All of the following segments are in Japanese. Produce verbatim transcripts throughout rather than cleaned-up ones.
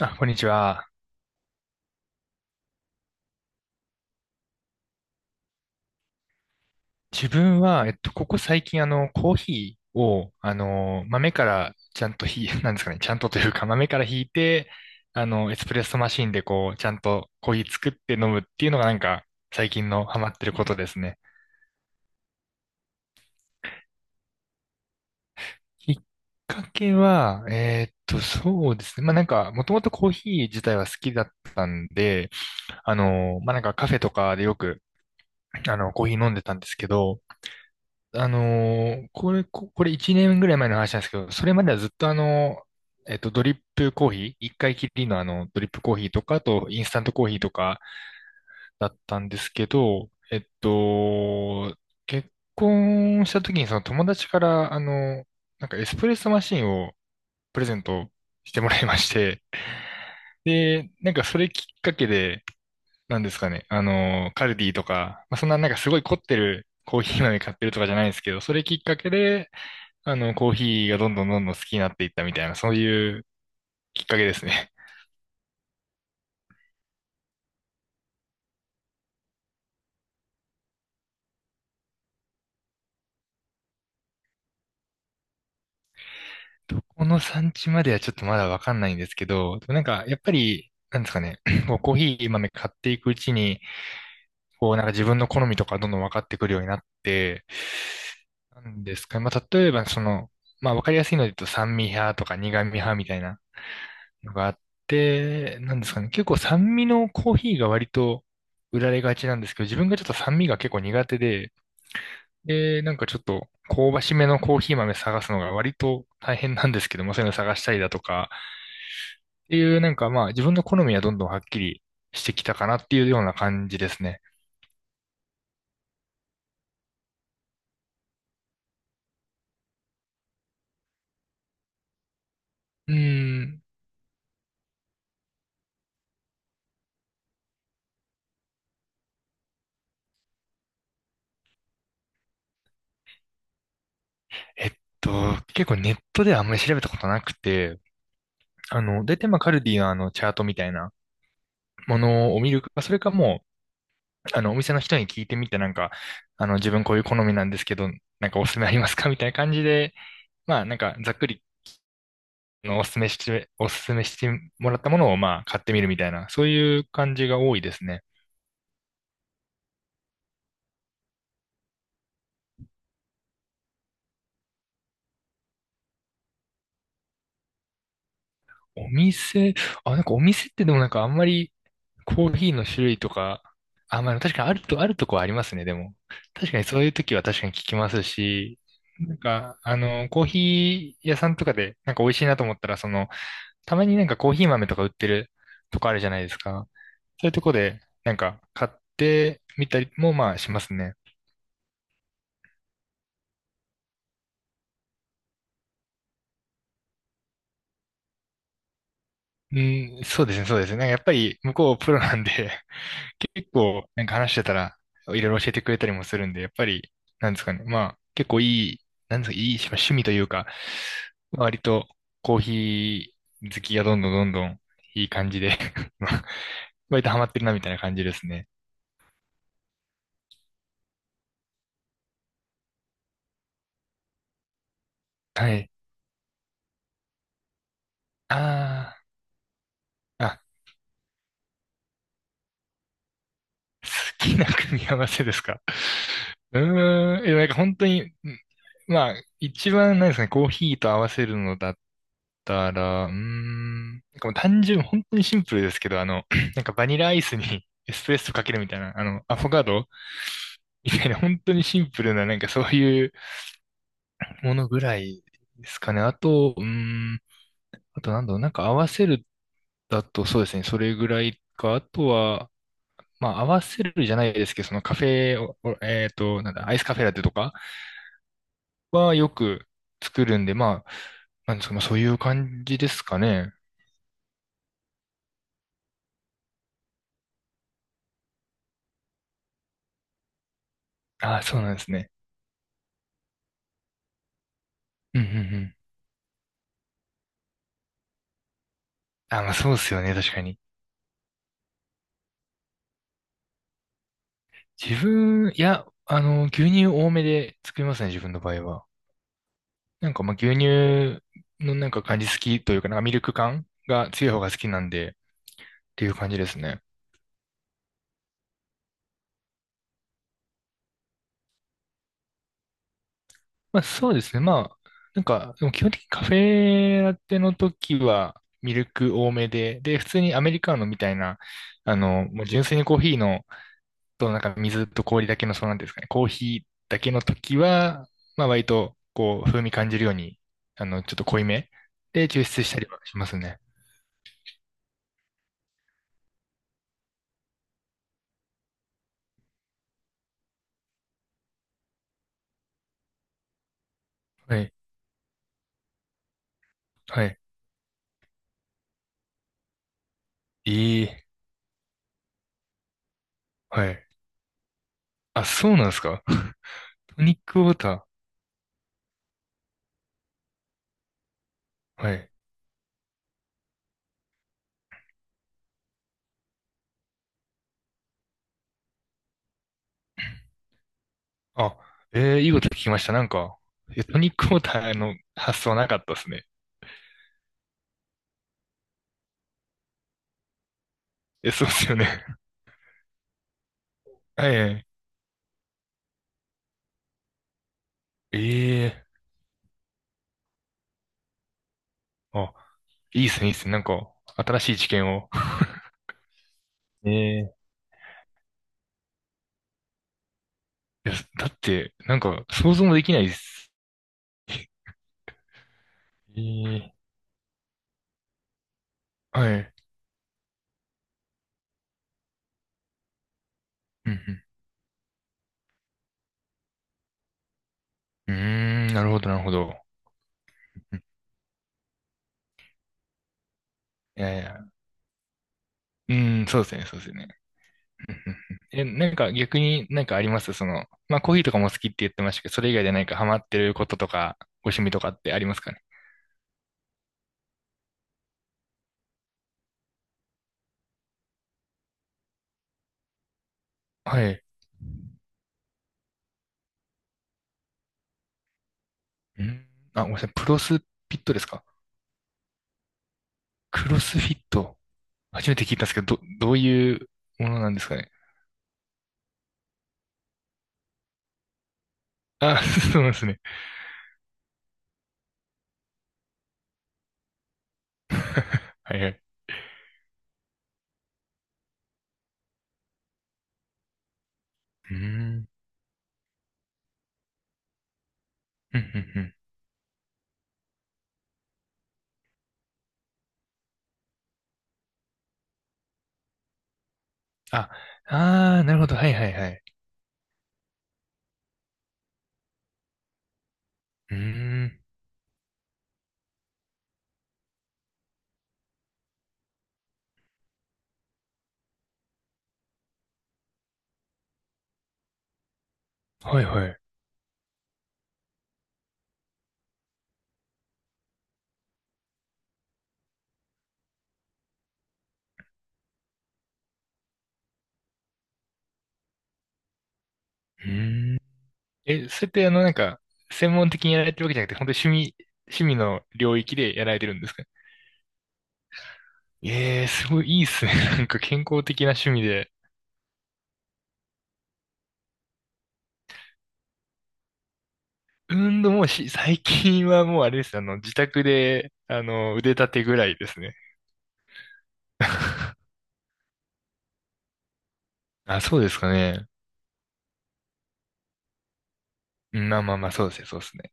あ、こんにちは。自分は、えっと、ここ最近、あの、コーヒーを、あの、豆からちゃんとひ、なんですかね、ちゃんとというか、豆からひいて、あの、エスプレッソマシンで、こう、ちゃんとコーヒー作って飲むっていうのが、なんか、最近のハマってることですね。きっかけは、えーっと、そうですね。まあ、なんか、もともとコーヒー自体は好きだったんで、あの、まあ、なんかカフェとかでよく、あの、コーヒー飲んでたんですけど、あのーこれ、ここれいちねんぐらい前の話なんですけど、それまではずっとあの、えっと、ドリップコーヒー、いっかいきりのあの、ドリップコーヒーとか、あと、インスタントコーヒーとかだったんですけど、えっと、結婚した時にその友達から、あの、なんかエスプレッソマシンをプレゼントしてもらいまして、で、なんかそれきっかけで、なんですかね、あの、カルディとか、まあ、そんななんかすごい凝ってるコーヒー豆買ってるとかじゃないんですけど、それきっかけで、あの、コーヒーがどんどんどんどん好きになっていったみたいな、そういうきっかけですね。どこの産地まではちょっとまだわかんないんですけど、でもなんか、やっぱり、なんですかね、こうコーヒー豆買っていくうちに、こう、なんか自分の好みとかどんどん分かってくるようになって、なんですかね、まあ、例えば、その、まあ、わかりやすいので言うと、酸味派とか苦味派みたいなのがあって、なんですかね、結構酸味のコーヒーが割と売られがちなんですけど、自分がちょっと酸味が結構苦手で、で、なんかちょっと香ばしめのコーヒー豆探すのが割と大変なんですけども、そういうの探したりだとか、っていうなんかまあ自分の好みはどんどんはっきりしてきたかなっていうような感じですね。うーん。えっと、結構ネットではあんまり調べたことなくて、あの、大体まあカルディのあのチャートみたいなものを見るか、それかもう、あの、お店の人に聞いてみてなんか、あの、自分こういう好みなんですけど、なんかおすすめありますかみたいな感じで、まあなんかざっくりのおすすめして、おすすめしてもらったものをまあ買ってみるみたいな、そういう感じが多いですね。お店、あ、なんかお店ってでもなんかあんまりコーヒーの種類とか、あ、まあ確かにあると、あるとこはありますね、でも。確かにそういう時は確かに聞きますし、なんか、あの、コーヒー屋さんとかでなんか美味しいなと思ったら、その、たまになんかコーヒー豆とか売ってるとこあるじゃないですか。そういうとこでなんか買ってみたりもまあしますね。うん、そうですね、そうですね。なんかやっぱり向こうプロなんで、結構なんか話してたら、いろいろ教えてくれたりもするんで、やっぱり、なんですかね、まあ、結構いい、なんですか、いい趣趣味というか、割とコーヒー好きがどんどんどんどんいい感じで 割とハマってるなみたいな感じですね。はい。ああ、あ、好きな組み合わせですか？うーん、え、なんか本当に、んまあ、一番なんですかね、コーヒーと合わせるのだったら、うーん、なんかもう単純、本当にシンプルですけど、あの、なんかバニラアイスにエスプレッソかけるみたいな、あの、アフォガドみたいな、本当にシンプルな、なんかそういうものぐらいですかね。あと、うーん、あとなんだろう、なんか合わせるだとそうですね、それぐらいか、あとは、まあ、合わせるじゃないですけど、そのカフェを、おえっと、なんだ、アイスカフェラテとかはよく作るんで、まあ、なんですか、まあ、そういう感じですかね。ああ、そうなんですね。うん、うん、うん。あ、まあ、そうですよね、確かに。自分、いや、あの、牛乳多めで作りますね、自分の場合は。なんか、まあ、牛乳のなんか感じ好きというか、なんかミルク感が強い方が好きなんで、っていう感じですね。まあそうですね。まあ、なんか、でも基本的にカフェラテの時はミルク多めで、で、普通にアメリカーノみたいな、あの、もう純粋にコーヒーの、となんか水と氷だけの、そうなんていうんですかね、コーヒーだけの時は、まあ割と、こう、風味感じるように、あの、ちょっと濃いめで抽出したりはしますね。はい、はい。ええ、はい。あ、そうなんですか。トニックウォーター。はい。あ、ええ、いいこと聞きました。なんか、えトニックウォーターの発想なかったですね。え、そうですよね。はい。ええあ、いいですね、いいですね。なんか、新しい知見を。ええいや、だって、なんか、想像もできないです。ええはい。うん、うん。うーん、なるほど、なるほど。うんいやいや、うん、そうですね、そうですね。うんうんうんえ、なんか逆になんかありますその、まあコーヒーとかも好きって言ってましたけど、それ以外で何かハマってることとか、ご趣味とかってありますかね？はい。うん、あ、ごめんなさい。プロスフィットですか？クロスフィット。初めて聞いたんですけど、ど、どういうものなんですかね？あ、そうなんですね。はいはい。うーん。うんうんうん。あ、あー、なるほど。はいはいはい。うーん。はいはい。うーん。え、それってあの、なんか、専門的にやられてるわけじゃなくて、本当に趣味、趣味の領域でやられてるんですか？ええー、すごいいいっすね。なんか健康的な趣味で。運動もし、最近はもうあれです。あの、自宅で、あの、腕立てぐらいですね。あ、そうですかね。うんまあまあまあ、そうですね、そうですね。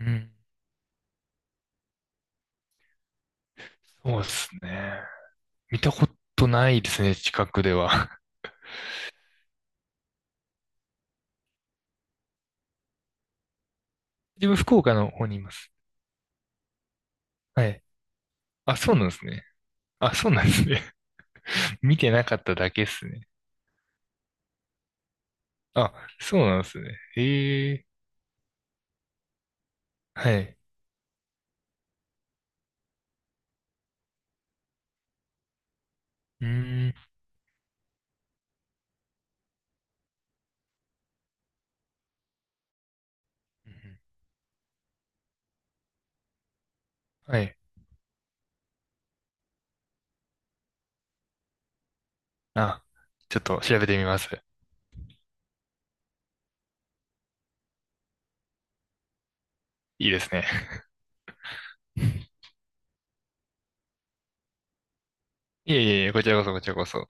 うん。そうですね。見たことないですね、近くでは。自分、福岡の方にいます。はい。あ、そうなんですね。あ、そうなんですね。見てなかっただけですね。あ、そうなんですね。へえ。はい。うーん。うんはい。あ、ちょっと調べてみます。いいですね。いえいえいえ、こちらこそ、こちらこそ。